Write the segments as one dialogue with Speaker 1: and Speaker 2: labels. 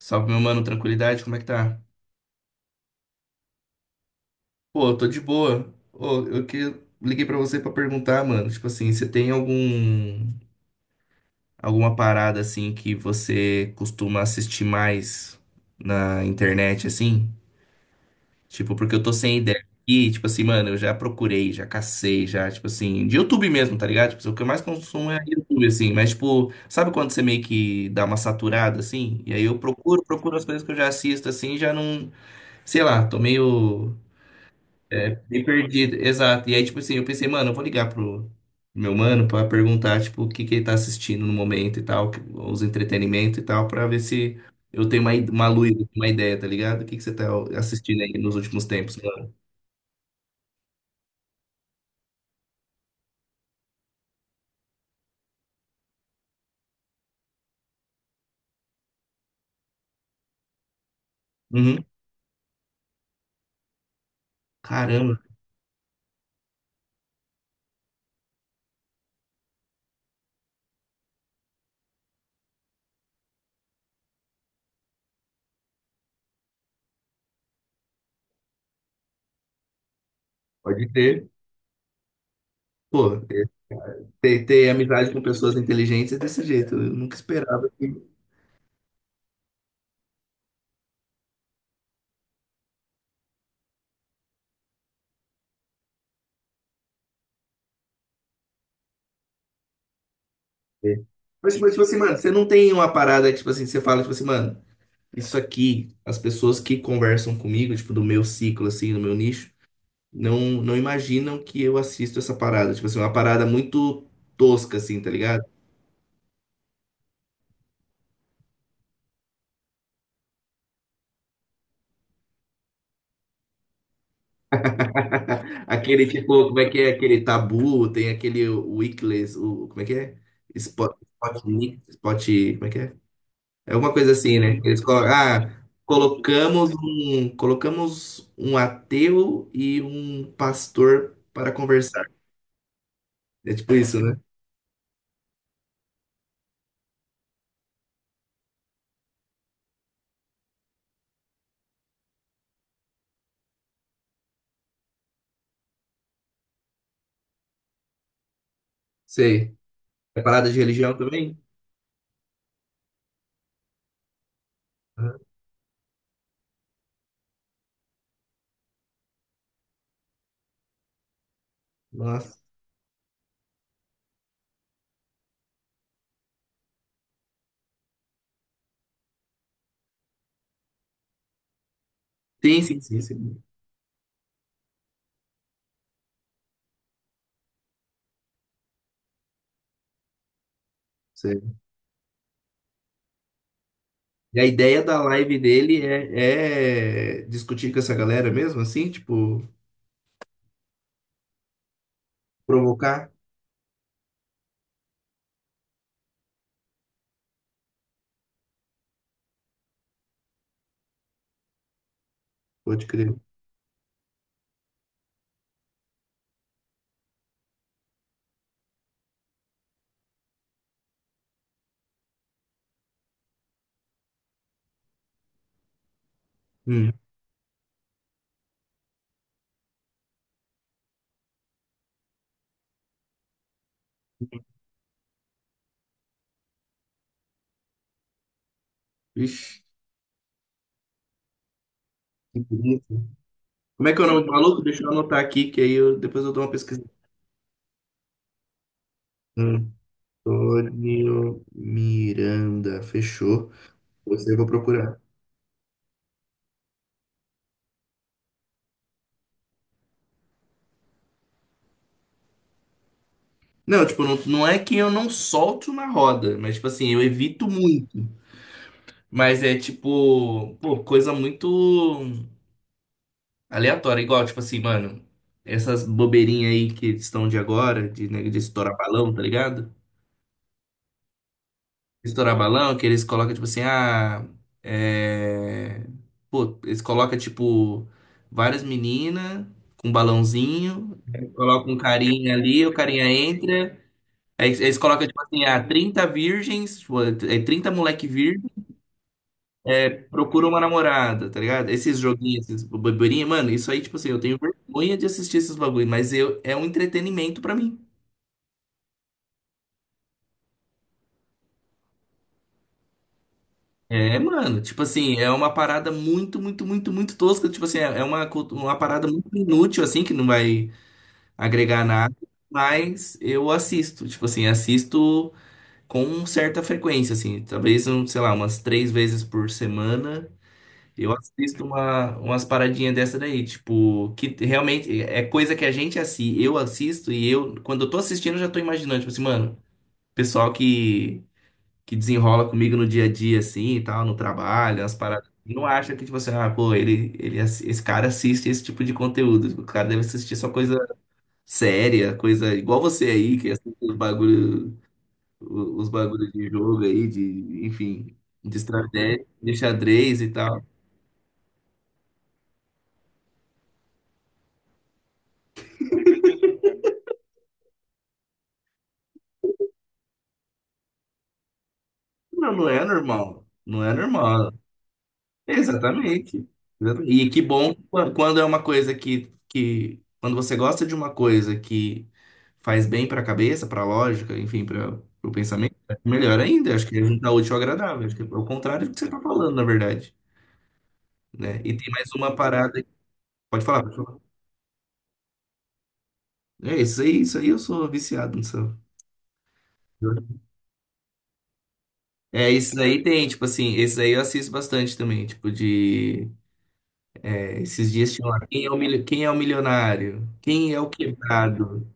Speaker 1: Salve, meu mano, tranquilidade, como é que tá? Pô, eu tô de boa. Ô, eu que liguei pra você pra perguntar, mano, tipo assim, você tem alguma parada assim que você costuma assistir mais na internet assim? Tipo, porque eu tô sem ideia. E tipo assim, mano, eu já procurei, já cacei, já, tipo assim, de YouTube mesmo, tá ligado? Tipo, assim, o que eu mais consumo é YouTube assim, mas tipo, sabe quando você meio que dá uma saturada assim? E aí eu procuro as coisas que eu já assisto assim, já não, sei lá, tô meio é bem perdido, exato. E aí, tipo assim, eu pensei, mano, eu vou ligar pro meu mano pra perguntar, tipo, o que que ele tá assistindo no momento e tal, os entretenimentos e tal, pra ver se eu tenho uma, uma luz, uma ideia, tá ligado? O que que você tá assistindo aí nos últimos tempos, mano? Uhum. Caramba, pode ter. Pô, é, ter amizade com pessoas inteligentes é desse jeito. Eu nunca esperava que. É. Mas, tipo assim, mano, você não tem uma parada que, tipo assim, você fala, tipo assim, mano, isso aqui, as pessoas que conversam comigo, tipo, do meu ciclo, assim, do meu nicho. Não imaginam que eu assisto essa parada. Tipo assim, uma parada muito tosca, assim, tá ligado? Aquele, tipo, como é que é? Aquele Tabu, tem aquele Weekless, o, como é que é? Spot, spot, spot, como é que é? É alguma coisa assim, né? Eles colocam, ah, colocamos um ateu e um pastor para conversar. É tipo isso, né? Sei. É parada de religião também? Aham. Nossa. Sim, sim, sim, sim. E a ideia da live dele é, é discutir com essa galera mesmo, assim, tipo, provocar? Pode crer. Hum. Ixi, que bonito. Como é que é o nome do maluco? Deixa eu anotar aqui, que aí eu, depois eu dou uma pesquisa. Antônio Miranda, fechou. Você eu vou procurar. Não, tipo, não é que eu não solto na roda, mas, tipo assim, eu evito muito. Mas é, tipo, pô, coisa muito. Aleatório, igual, tipo assim, mano, essas bobeirinhas aí que estão de agora, de, né, de estourar balão, tá ligado? Estourar balão, que eles colocam, tipo assim, ah, é... Pô, eles colocam, tipo, várias meninas com balãozinho, aí colocam um carinha ali, o carinha entra, aí eles colocam, tipo assim, ah, 30 virgens, tipo, é 30 moleque virgem, procura uma namorada, tá ligado? Esses joguinhos, esses boborinhos, mano, isso aí, tipo assim, eu tenho vergonha de assistir esses bagulho, mas eu, é um entretenimento pra mim. É, mano, tipo assim, é uma parada muito tosca. Tipo assim, é uma, uma parada muito inútil, assim, que não vai agregar nada, mas eu assisto, tipo assim, assisto com certa frequência, assim, talvez, um, sei lá, umas três vezes por semana. Eu assisto uma, umas paradinhas dessa daí, tipo, que realmente é coisa que a gente assim, eu assisto e eu, quando eu tô assistindo, eu já tô imaginando, tipo assim, mano, pessoal que desenrola comigo no dia a dia, assim, e tal, no trabalho, umas paradas, não acha que, tipo assim, ah, pô, esse cara assiste esse tipo de conteúdo, o cara deve assistir só coisa séria, coisa igual você aí, que assiste os bagulho, os bagulhos de jogo aí, de, enfim, de estratégia, de xadrez e tal. Não, não é normal. Não é normal. Exatamente. Exatamente. E que bom quando é uma coisa que quando você gosta de uma coisa que faz bem para a cabeça, para a lógica, enfim, para o pensamento, é melhor ainda. Acho que a gente dá útil ao agradável. Acho que é o contrário do que você está falando, na verdade, né? E tem mais uma parada. Pode falar. É isso aí eu sou viciado nisso. É, isso aí tem, tipo assim, esse aí eu assisto bastante também, tipo de esses dias tinha lá, quem é o, quem é o milionário? Quem é o quebrado?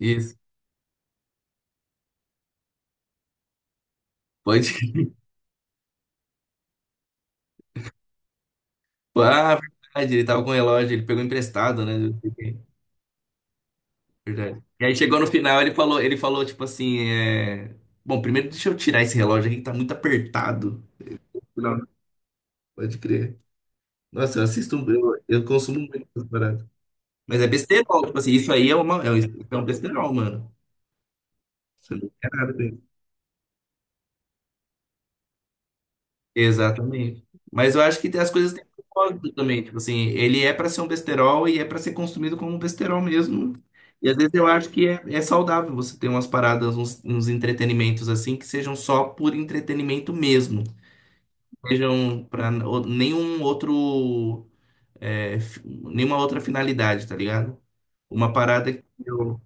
Speaker 1: Isso, pode. Ah, verdade, ele tava com o relógio, ele pegou emprestado, né? Não sei quem. Verdade. E aí chegou no final, ele falou tipo assim, é... Bom, primeiro deixa eu tirar esse relógio aqui que tá muito apertado. Não, pode crer. Nossa, eu assisto, eu consumo muito essas paradas. Mas é besterol, tipo assim, isso aí é um é um besterol, mano. Você não quer nada com exatamente. Mas eu acho que as coisas têm propósito também. Tipo assim, ele é para ser um besterol e é para ser consumido como um besterol mesmo. E às vezes eu acho que é saudável você ter umas paradas, uns entretenimentos assim, que sejam só por entretenimento mesmo. Sejam para nenhum outro, nenhuma outra finalidade, tá ligado? Uma parada que eu.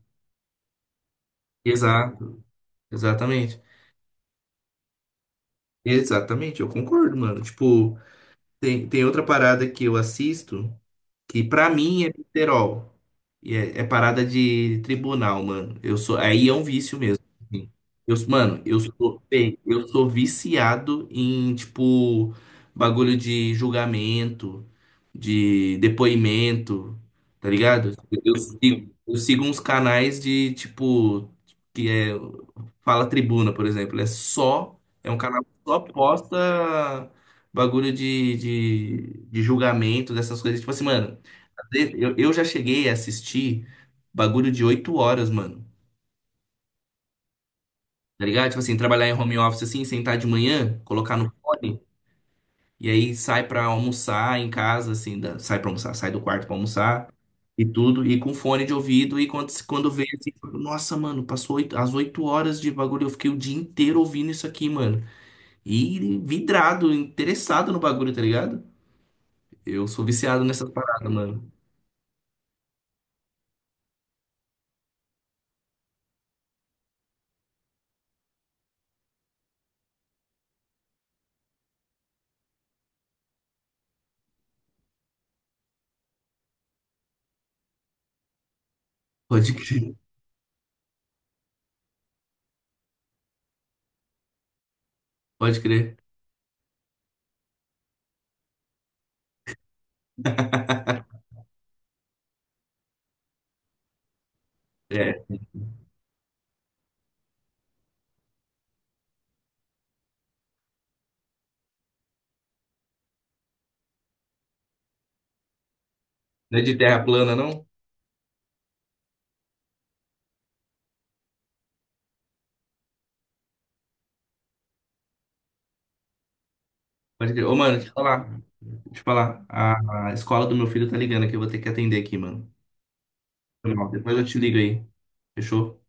Speaker 1: Exato, exatamente. Exatamente, eu concordo, mano. Tipo, tem outra parada que eu assisto. Que pra mim é besterol. E é parada de tribunal, mano. Eu sou, aí é um vício mesmo assim. Eu, mano, eu sou, bem, eu sou viciado em, tipo, bagulho de julgamento, de depoimento, tá ligado? Eu sigo uns canais de, tipo, que é Fala Tribuna, por exemplo. É só, é um canal que só posta bagulho de julgamento, dessas coisas. Tipo assim, mano. Eu já cheguei a assistir bagulho de 8 horas, mano. Tá ligado? Tipo assim, trabalhar em home office assim, sentar de manhã, colocar no fone, e aí sai pra almoçar em casa, assim, sai pra almoçar, sai do quarto pra almoçar e tudo, e com fone de ouvido, e quando vê assim, nossa, mano, as 8 horas de bagulho, eu fiquei o dia inteiro ouvindo isso aqui, mano. E vidrado, interessado no bagulho, tá ligado? Eu sou viciado nessas paradas, mano. Pode crer, pode crer. É. Não é de terra plana, não? Pode crer. Ô, mano, deixa eu falar. Deixa eu falar. A escola do meu filho tá ligando aqui. Eu vou ter que atender aqui, mano. Foi mal. Depois eu te ligo aí. Fechou?